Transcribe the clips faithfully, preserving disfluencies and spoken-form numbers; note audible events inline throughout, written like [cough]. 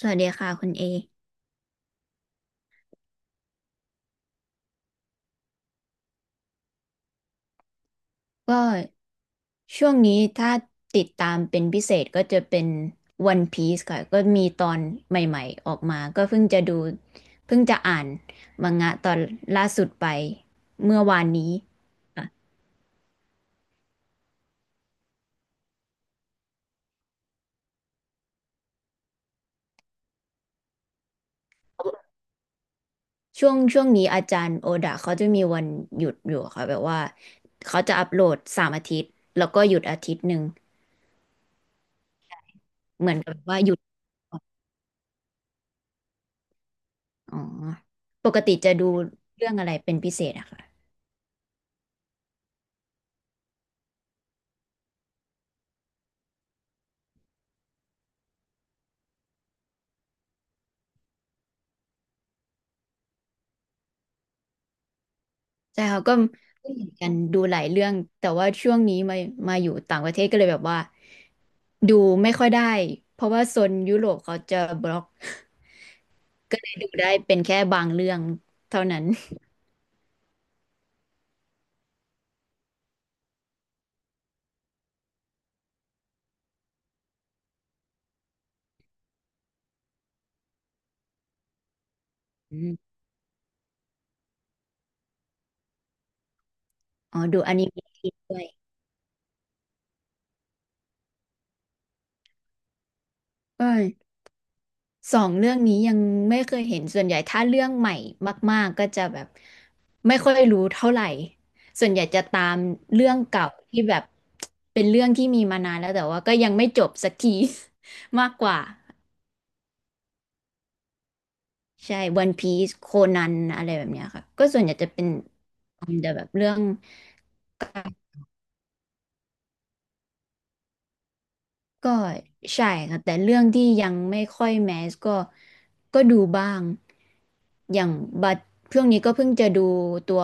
สวัสดีค่ะคุณเอก็ช่วงนี้ถ้าติดตามเป็นพิเศษก็จะเป็น One Piece ค่ะก็มีตอนใหม่ๆออกมาก็เพิ่งจะดูเพิ่งจะอ่านมังงะตอนล่าสุดไปเมื่อวานนี้ค่ะช่วงช่วงนี้อาจารย์โอดะเขาจะมีวันหยุดอยู่ค่ะแบบว่าเขาจะอัปโหลดสามอาทิตย์แล้วก็หยุดอาทิตย์หนึ่งเหมือนกับว่าหยุดอ๋อ ปกติจะดูเรื่องอะไรเป็นพิเศษอะค่ะ ใช่ค่ะก็ก็เหมือนกันดูหลายเรื่องแต่ว่าช่วงนี้มามาอยู่ต่างประเทศก็เลยแบบว่าดูไม่ค่อยได้เพราะว่าโซนยุโรปเขาจะบล็อกก็เลยดูได้เป็นแค่บางเรื่องเท่านั้นอมอ๋อดูอนิเมะด้วยเออสองเรื่องนี้ยังไม่เคยเห็นส่วนใหญ่ถ้าเรื่องใหม่มากๆก็จะแบบไม่ค่อยรู้เท่าไหร่ส่วนใหญ่จะตามเรื่องเก่าที่แบบเป็นเรื่องที่มีมานานแล้วแต่ว่าก็ยังไม่จบสักที [laughs] มากกว่า ใช่ One Piece โคนันอะไรแบบเนี้ยค่ะ ก็ส่วนใหญ่จะเป็นแต่แบบเรื่องก็ใช่ค่ะแต่เรื่องที่ยังไม่ค่อยแมสก็ก็ดูบ้าง อย่างบัตเรื่องนี้ก็เพิ่งจะดูตัว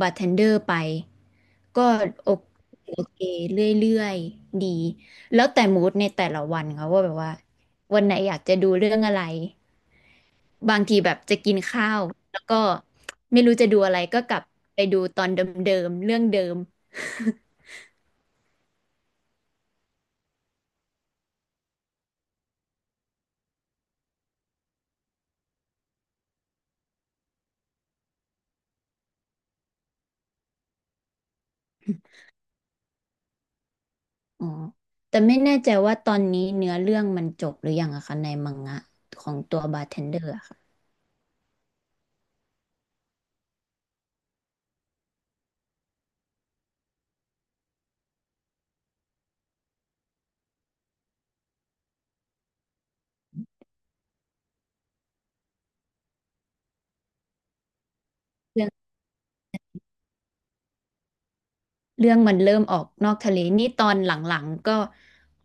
บัตเทนเดอร์ไปก็โอโอเคเรื่อยๆดี แล้วแต่มูดในแต่ละวันค่ะว่าแบบว่าวันไหนอยากจะดูเรื่องอะไร บางทีแบบจะกินข้าวแล้วก็ไม่รู้จะดูอะไรก็กลับไปดูตอนเดิมๆเรื่องเดิม [laughs] อ๋อแต่ไม่แน่ใจว่าตอนนี้เนื้อเรื่องมันจบหรือยังอะคะในมังงะของตัวบาร์เทนเดอร์อะค่ะ เรื่องมันเริ่มออกนอกทะเลนี่ตอนหลังๆก็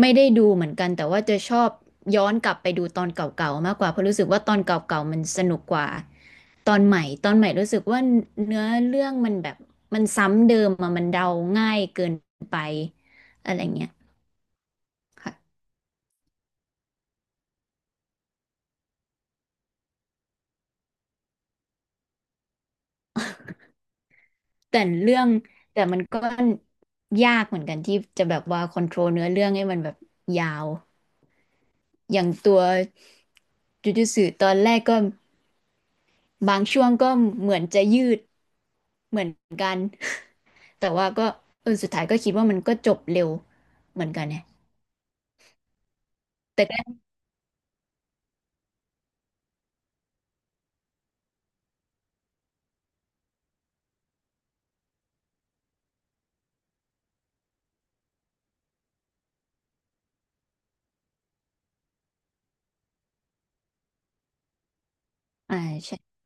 ไม่ได้ดูเหมือนกันแต่ว่าจะชอบย้อนกลับไปดูตอนเก่าๆมากกว่าเพราะรู้สึกว่าตอนเก่าๆมันสนุกกว่าตอนใหม่ตอนใหม่รู้สึกว่าเนื้อเรื่องมันแบบมันซ้ำเดิมอะมันเดาง่ายเกินไปอะไรเงี้ยค่ะแต่เรื่องแต่มันก็ยากเหมือนกันที่จะแบบว่าคอนโทรลเนื้อเรื่องให้มันแบบยาวอย่างตัวจูจูตอนแรกก็บางช่วงก็เหมือนจะยืด เหมือนกันแต่ว่าก็เออสุดท้ายก็คิดว่ามันก็จบเร็วเหมือนกันเนี่ยแต่ก็อ่าใช่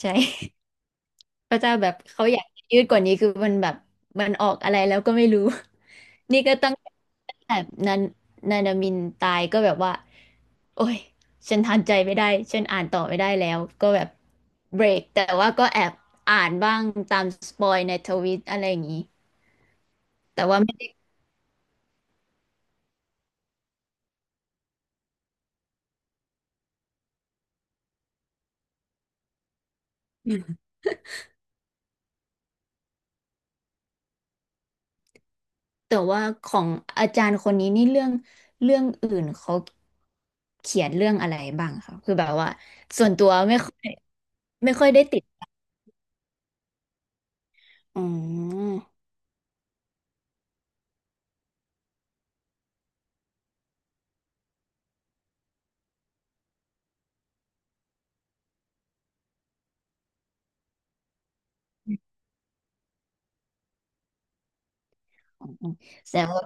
ใช่ [laughs] พระเจ้าแบบเขาอยากยืดกว่านี้คือมันแบบมันออกอะไรแล้วก็ไม่รู้ [laughs] นี่ก็ตั้งแต่นันนานามินตายก็แบบว่าโอ้ยฉันทานใจไม่ได้ฉันอ่านต่อไม่ได้แล้วก็แบบเบรกแต่ว่าก็แอบอ่านบ้างตามสปอยในทวิตอะไรอย่างนี้แต่ว่าไม่ได้ แต่ว่าของอาจารย์คนนี้นี่เรื่องเรื่องอื่นเขาเขียนเรื่องอะไรบ้างคะคือแบบว่าส่วนตัวไม่ค่อยไม่ค่อยได้ติดอืมอืมอืมแต่ว่า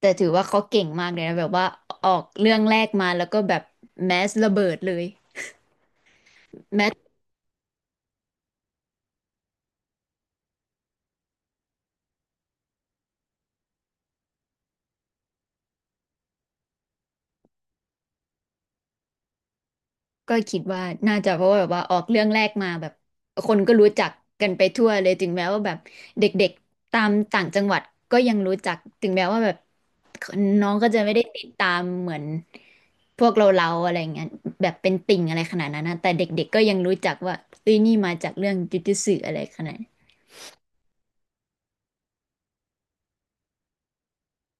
แต่ถือว่าเขาเก่งมากเลยนะแบบว่าออกเรื่องแรกมาแล้วก็แบบแมสระเบิดเลยแมส ก็คิดว่าน่าจะเพราะว่าแบบว่าออกเรื่องแรกมาแบบคนก็รู้จักกันไปทั่วเลยถึงแม้ว่าแบบเด็กๆตามต่างจังหวัดก็ยังรู้จักถึงแม้ว่าแบบน้องก็จะไม่ได้ติดตามเหมือนพวกเราเราอะไรเงี้ยแบบเป็นติ่งอะไรขนาดนั้นนะแต่เด็กๆก็ยังรู้จักว่าเอ้ยนี่มาจากเรื่องจ ujutsu อะไรขนาดนั้น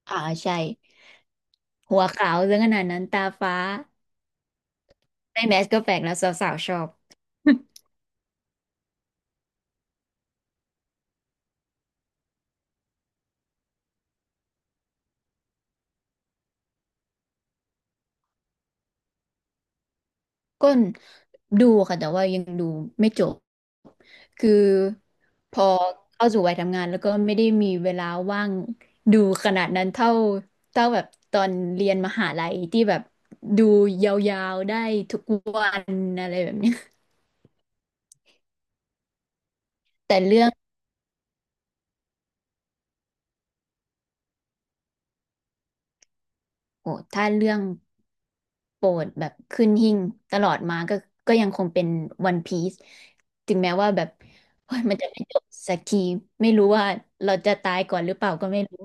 อ่าใช่หัวขาวเรื่องขนาดนั้นตาฟ้าในแมสก็แปลกแล้วสาวๆชอบ ก็ดูค่ะแต่ว่ายังดูไม่จบคือพอเข้าสู่วัยทำงานแล้วก็ไม่ได้มีเวลาว่างดูขนาดนั้นเท่าเท่าแบบตอนเรียนมหาลัยที่แบบดูยาวๆได้ทุกวันอะไรแบบเนี้ย [laughs] แต่เรื่องโอ้ถ้าเรื่องโปรดแบบขึ้นหิ้งตลอดมาก็ก็ยังคงเป็นวันพี e ถึงแม้ว่าแบบโอ้ยมันจะไม่จบสักทีไม่รู้ว่าเราจะตายก่อนหรือเปล่าก็ไม่รู้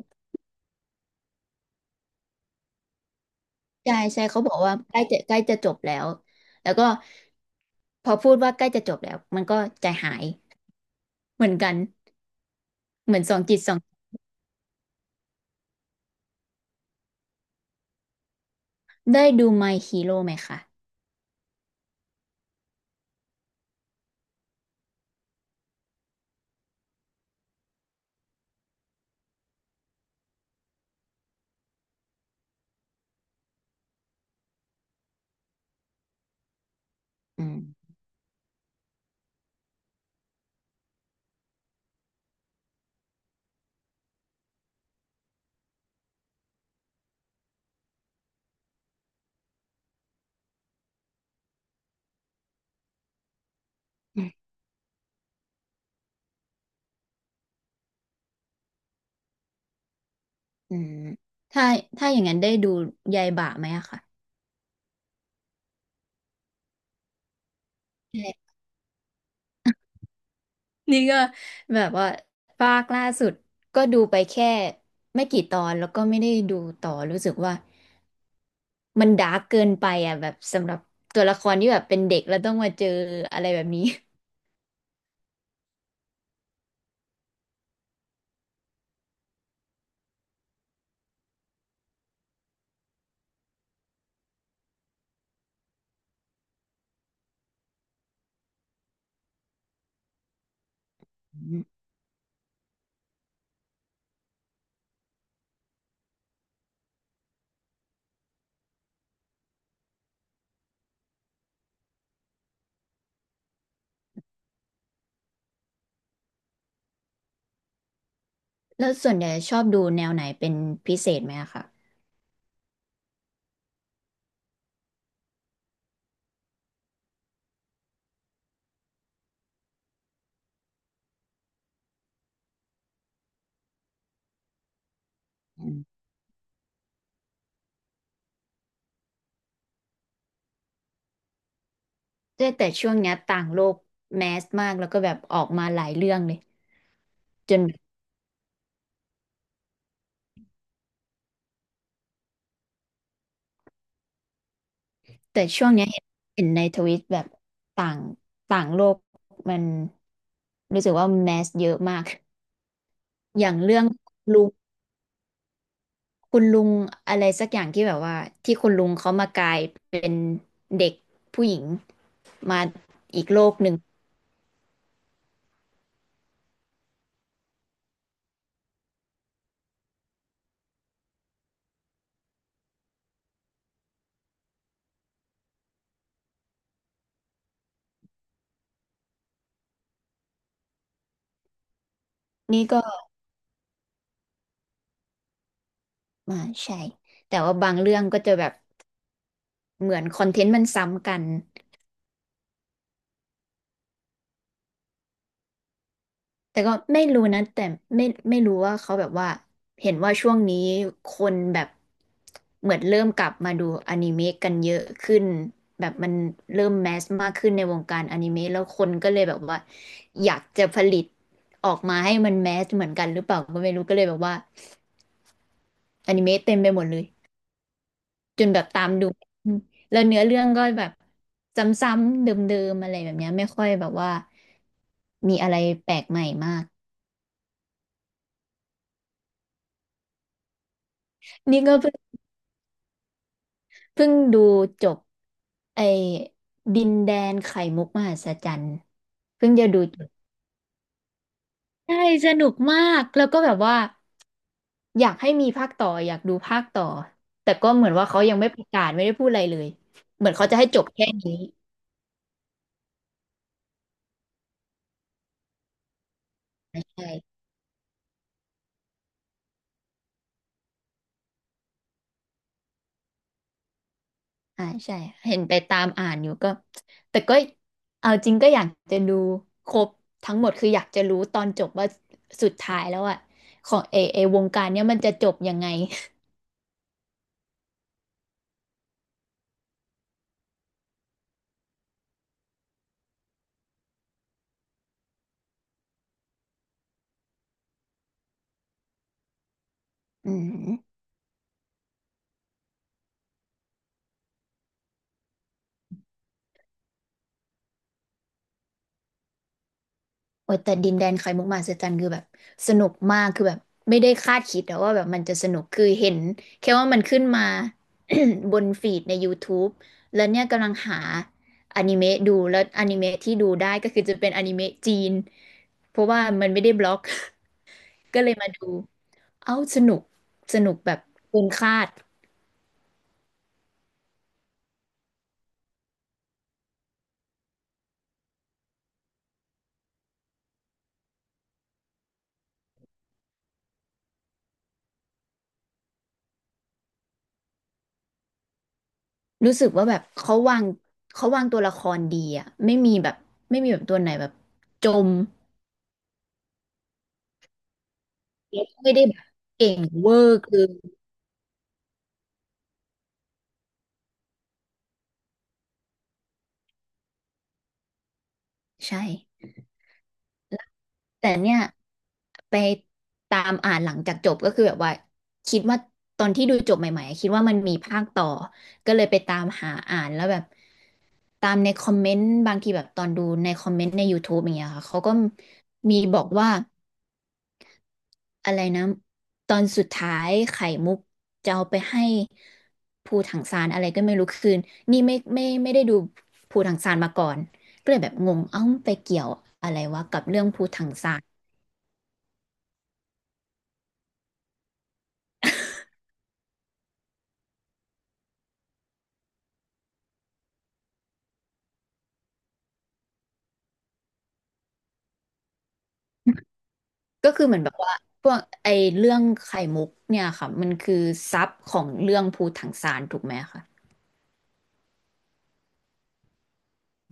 ใช่ใช่เขาบอกว่าใกล้จะใกล้จะจบแล้วแล้วก็พอพูดว่าใกล้จะจบแล้วมันก็ใจหายเหมือนกันเหมือนสองจิตสองได้ดู My Hero ไหมคะอืมอืมถ้าถ้าอย่างนั้นได้ดูยายบ่าไหมอะค่ะใช่นี่ก็แบบว่าภาคล่าสุดก็ดูไปแค่ไม่กี่ตอนแล้วก็ไม่ได้ดูต่อรู้สึกว่ามันดาร์กเกินไปอะแบบสำหรับตัวละครที่แบบเป็นเด็กแล้วต้องมาเจออะไรแบบนี้ [laughs] แล้วส่วนใหญ่ชอบดูแนวไหนเป็นพิเศษไหมอะคะอืมแต่แต่ช่วงเนี้ยต่างโลกแมสมากแล้วก็แบบออกมาหลายเรื่องเลยจนแต่ช่วงเนี้ยเห็นเห็นในทวิตแบบต่างต่างโลกมันรู้สึกว่าแมสเยอะมากอย่างเรื่องลุงคุณลุงอะไรสักอย่างที่แบบว่าที่คุณลุงเขามากลายเป็นเด็กผู้หญิงมาอีกโลกหนึ่งนี่ก็มาใช่แต่ว่าบางเรื่องก็จะแบบ เหมือนคอนเทนต์มันซ้ำกัน แต่ก็ไม่รู้นะ แต่ไม่ไม่รู้ว่าเขาแบบว่า เห็นว่าช่วงนี้คนแบบเหมือนเริ่มกลับมาดูอนิเมะกันเยอะขึ้น แบบมันเริ่มแมสมากขึ้นในวงการอนิเมะแล้วคนก็เลยแบบว่าอยากจะผลิตออกมาให้มันแมสเหมือนกันหรือเปล่าก็ไม่รู้ก็เลยแบบว่าอนิเมะเต็มไปหมดเลย จนแบบตามดูอืมแล้วเนื้อเรื่องก็แบบซ้ำๆเดิมๆอะไรแบบเนี้ยไม่ค่อยแบบว่ามีอะไรแปลกใหม่มาก นี่ก็เพิ่งเพิ่งดูจบไอ้ดินแดนไข่มุกมหัศจรรย์เพิ่งจะดูจบใช่สนุกมากแล้วก็แบบว่าอยากให้มีภาคต่ออยากดูภาคต่อแต่ก็เหมือนว่าเขายังไม่ประกาศไม่ได้พูดอะไรเลยเหมือนเขาจะให้จบแค่นี้ใช่ใช่าใช่เห็นไปตามอ่านอยู่ก็แต่ก็เอาจริงก็อยากจะดูครบทั้งหมดคืออยากจะรู้ตอนจบว่าสุดท้ายแล้วอะของเอเอวงการเนี้ยมันจะจบยังไงอืม โอ้ยแต่ดินแดนไข่มุกมหัศจรรย์คือแบบสนุกมากคือแบบไม่ได้คาดคิดแต่ว่าแบบมันจะสนุกคือเห็นแค่ว่ามันขึ้นมา [coughs] บนฟีดในยูทูบแล้วเนี่ยกำลังหาอนิเมะดูแล้วอนิเมะที่ดูได้ก็คือจะเป็นอนิเมะจีนเพราะว่ามันไม่ได้บล็อก [laughs] ก็เลยมาดูเอ้าสนุกสนุกแบบเกินคาดรู้สึกว่าแบบเขาวางเขาวางตัวละครดีอะไม่มีแบบไม่มีแบบตัวไหนแบบจมแล้วก็ไม่ได้แบบเก่งเวอร์คือ ใช่ แต่เนี่ยไปตามอ่านหลังจากจบก็คือแบบว่าคิดว่าตอนที่ดูจบใหม่ๆอะคิดว่ามันมีภาคต่อ ก็เลยไปตามหาอ่านแล้วแบบตามในคอมเมนต์บางทีแบบตอนดูในคอมเมนต์ใน ยูทูบ อย่างเงี้ยค่ะเขาก็มีบอกว่าอะไรนะตอนสุดท้ายไข่มุกจะเอาไปให้ภูถังซานอะไรก็ไม่รู้คืนนี่ไม่ไม่ไม่ได้ดูภูถังซานมาก่อนก็เลยแบบงงเอ้าไปเกี่ยวอะไรวะกับเรื่องภูถังซาน ก็คือเหมือนแบบว่าพวกไอเรื่องไข่มุกเนี่ยค่ะมันคือซับของเรื่องภูถังซานถูกไหมคะ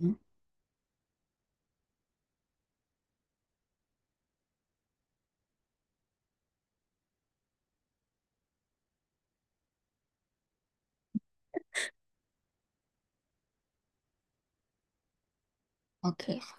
อืมโอเค